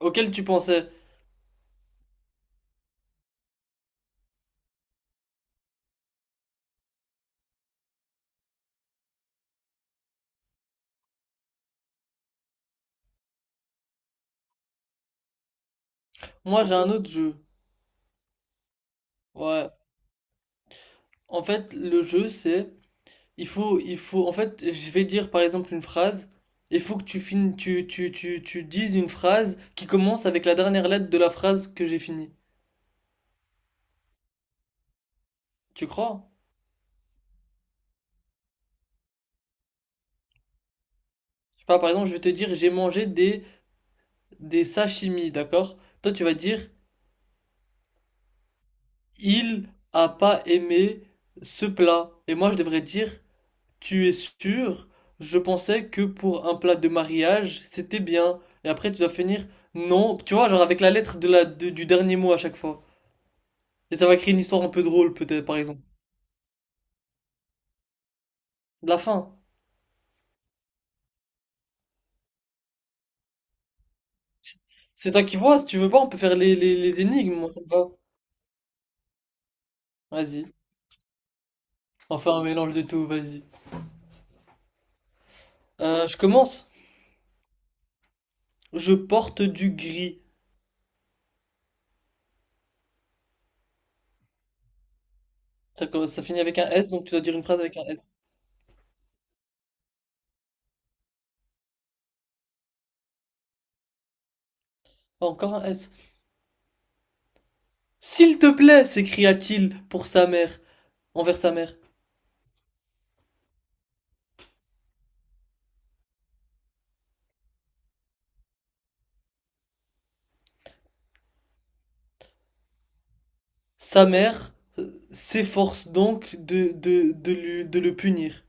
Auquel tu pensais? Moi, j'ai un Mhm. autre jeu. Ouais. En fait, le jeu, c'est il faut je vais dire par exemple une phrase il faut que tu finis tu tu tu tu dises une phrase qui commence avec la dernière lettre de la phrase que j'ai finie. Tu crois? Je sais pas, par exemple, je vais te dire j'ai mangé des sashimi, d'accord? Toi, tu vas dire il a pas aimé ce plat et moi je devrais dire tu es sûr? Je pensais que pour un plat de mariage, c'était bien. Et après, tu dois finir non. Tu vois, genre avec la lettre de du dernier mot à chaque fois. Et ça va créer une histoire un peu drôle, peut-être, par exemple. De la fin. C'est toi qui vois, si tu veux pas, on peut faire les énigmes, moi, ça me va. Vas-y. On fait un mélange de tout, vas-y. Je commence. Je porte du gris. Ça finit avec un S, donc tu dois dire une phrase avec un S. Ah, encore un S. S'il te plaît, s'écria-t-il pour sa mère, envers sa mère. Sa mère s'efforce donc de le punir.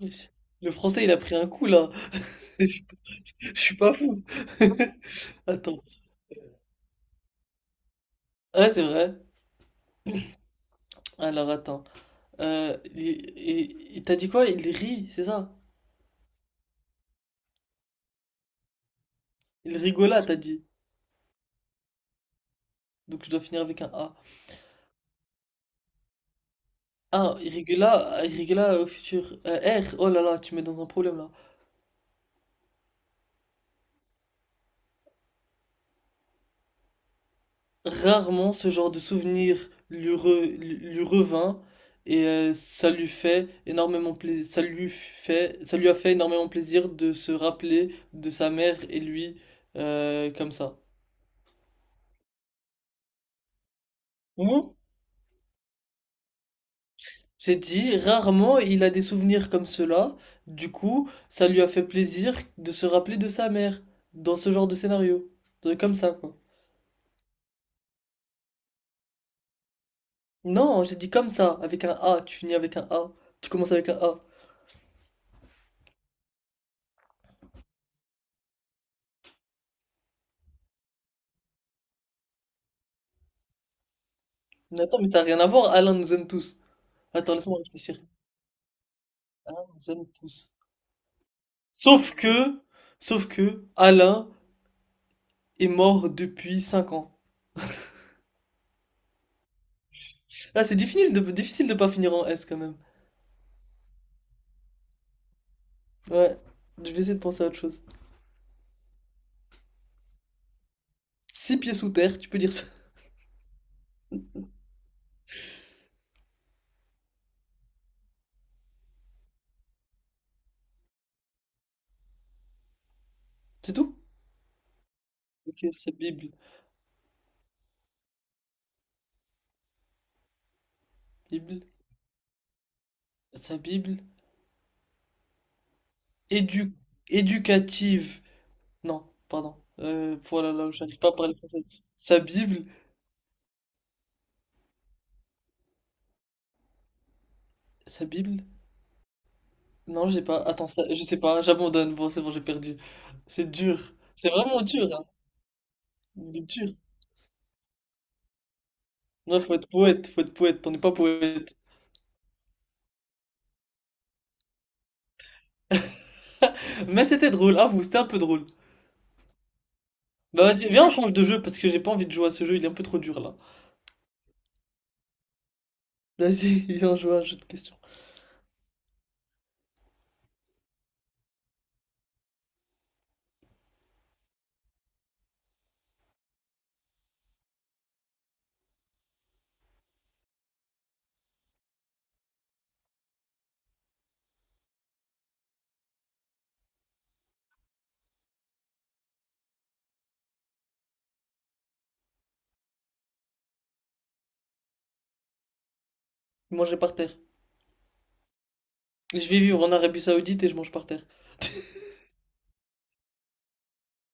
Yes. Le français, il a pris un coup là. Je suis pas fou. Attends. Ouais, c'est vrai. Alors attends. Il t'a dit quoi? Il rit, c'est ça? Il rigola, t'as dit. Donc je dois finir avec un A. Ah, il rigola au futur. R, oh là là, tu me mets dans un problème là. Rarement ce genre de souvenir lui revint et ça lui fait énormément plaisir, ça lui a fait énormément plaisir de se rappeler de sa mère et lui comme ça. Ou, j'ai dit, rarement il a des souvenirs comme cela, du coup, ça lui a fait plaisir de se rappeler de sa mère dans ce genre de scénario. De- Comme ça, quoi. Non, j'ai dit comme ça, avec un A, tu commences avec un A. Mais attends, mais ça n'a rien à voir, Alain nous aime tous. Attends, laisse-moi réfléchir. On vous aime tous. Sauf que, sauf que, Alain est mort depuis 5 ans. Ah, c'est difficile de pas finir en S quand même. Ouais, je vais essayer de penser à autre chose. Six pieds sous terre, tu peux dire ça. C'est tout? Ok, sa Bible. Bible. Sa Bible. Édu éducative. Non, pardon. Voilà, là, j'arrive pas à parler français. Sa Bible. Sa Bible. Non, j'ai pas. Attends, ça, je sais pas, j'abandonne. Bon, c'est bon, j'ai perdu. C'est dur. C'est vraiment dur, hein. Il est dur. Non, faut être poète, on n'est pas poète. Mais c'était drôle, avoue, c'était un peu drôle. Bah vas-y, viens, on change de jeu parce que j'ai pas envie de jouer à ce jeu, il est un peu trop dur là. Vas-y, viens jouer à un jeu de questions. Je Manger par terre. Je vais vivre en Arabie Saoudite et je mange par terre.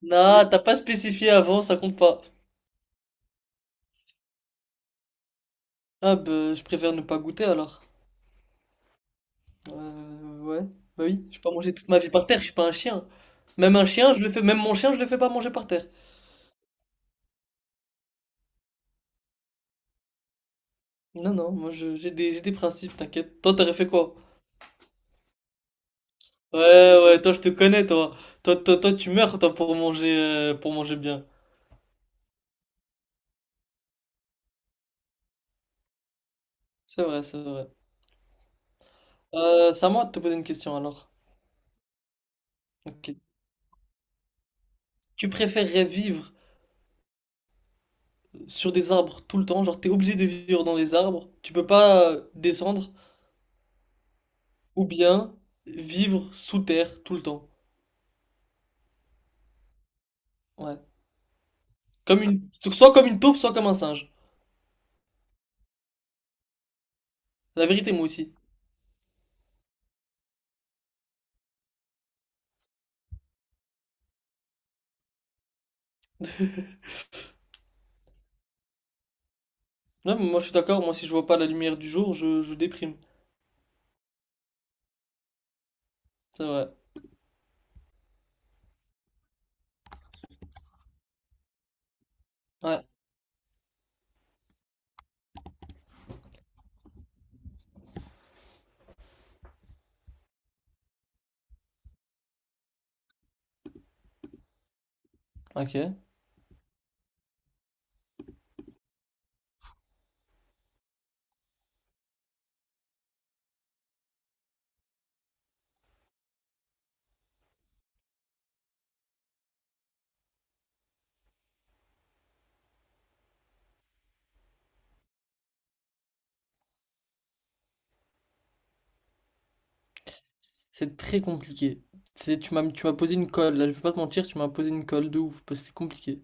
Nah, t'as pas spécifié avant, ça compte pas. Ah bah, je préfère ne pas goûter alors. Ouais. Bah oui, je vais pas manger toute ma vie par terre, je suis pas un chien. Même un chien, je le fais, même mon chien, je le fais pas manger par terre. Non, non, j'ai j'ai des principes, t'inquiète. Toi, t'aurais fait quoi? Ouais, ouais, toi, je te connais, toi. Tu meurs, toi, pour manger bien. C'est vrai, c'est vrai. C'est à moi de te poser une question, alors. Ok. Tu préférerais vivre sur des arbres tout le temps, genre, t'es obligé de vivre dans des arbres, tu peux pas descendre, ou bien vivre sous terre tout le temps. Ouais. Comme une, soit comme une taupe, soit comme un singe. La vérité, moi aussi. Non, mais moi, je suis d'accord, moi, si je vois pas la lumière du jour, je déprime. C'est vrai. Ouais. Ok. C'est très compliqué. Tu m'as posé une colle, là, je vais pas te mentir, tu m'as posé une colle de ouf, parce que c'est compliqué.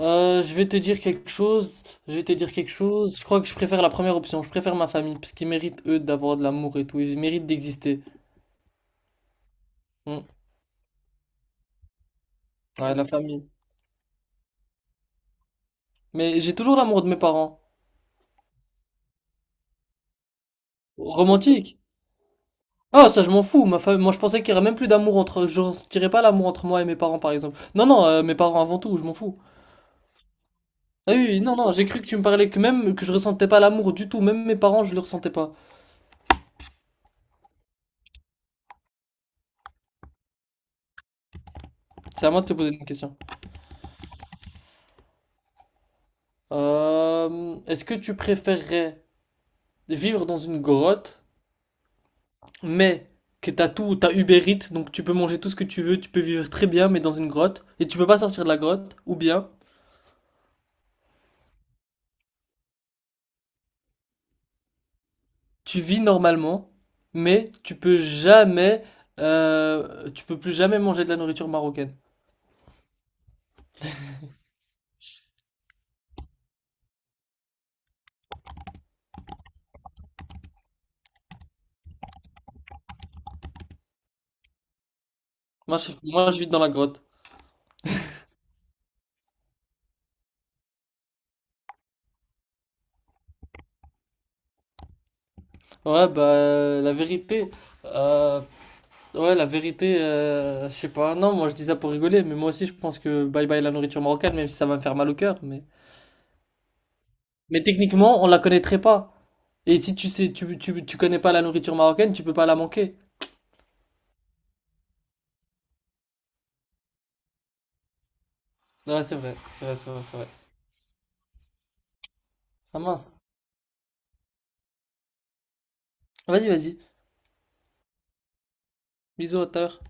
Je vais te dire quelque chose, je vais te dire quelque chose. Je crois que je préfère la première option, je préfère ma famille, parce qu'ils méritent, eux, d'avoir de l'amour et tout, ils méritent d'exister. Hmm. Ouais, la famille. Mais j'ai toujours l'amour de mes parents. Romantique. Ah, ça, je m'en fous. Ma fa- Moi, je pensais qu'il y aurait même plus d'amour entre, je ressentirais pas l'amour entre moi et mes parents, par exemple. Non, non, mes parents avant tout, je m'en fous. Ah oui, oui, non, non, j'ai cru que tu me parlais que même que je ressentais pas l'amour du tout, même mes parents, je le ressentais pas. C'est à moi de te poser une question. Est-ce que tu préférerais vivre dans une grotte, mais que t'as tout, t'as Uber Eats, donc tu peux manger tout ce que tu veux, tu peux vivre très bien, mais dans une grotte, et tu peux pas sortir de la grotte, ou bien tu vis normalement, mais tu peux jamais, tu peux plus jamais manger de la nourriture marocaine. Moi, je vis dans la grotte. Ouais, bah, la vérité, euh, ouais, la vérité, je sais pas. Non, moi je dis ça pour rigoler, mais moi aussi je pense que bye bye la nourriture marocaine, même si ça va me faire mal au cœur. Mais techniquement, on la connaîtrait pas. Et si tu sais, tu connais pas la nourriture marocaine, tu peux pas la manquer. Ouais, c'est vrai, c'est vrai, c'est vrai, c'est vrai. Ah mince. Vas-y, vas-y. Bisous, à tout à l'heure.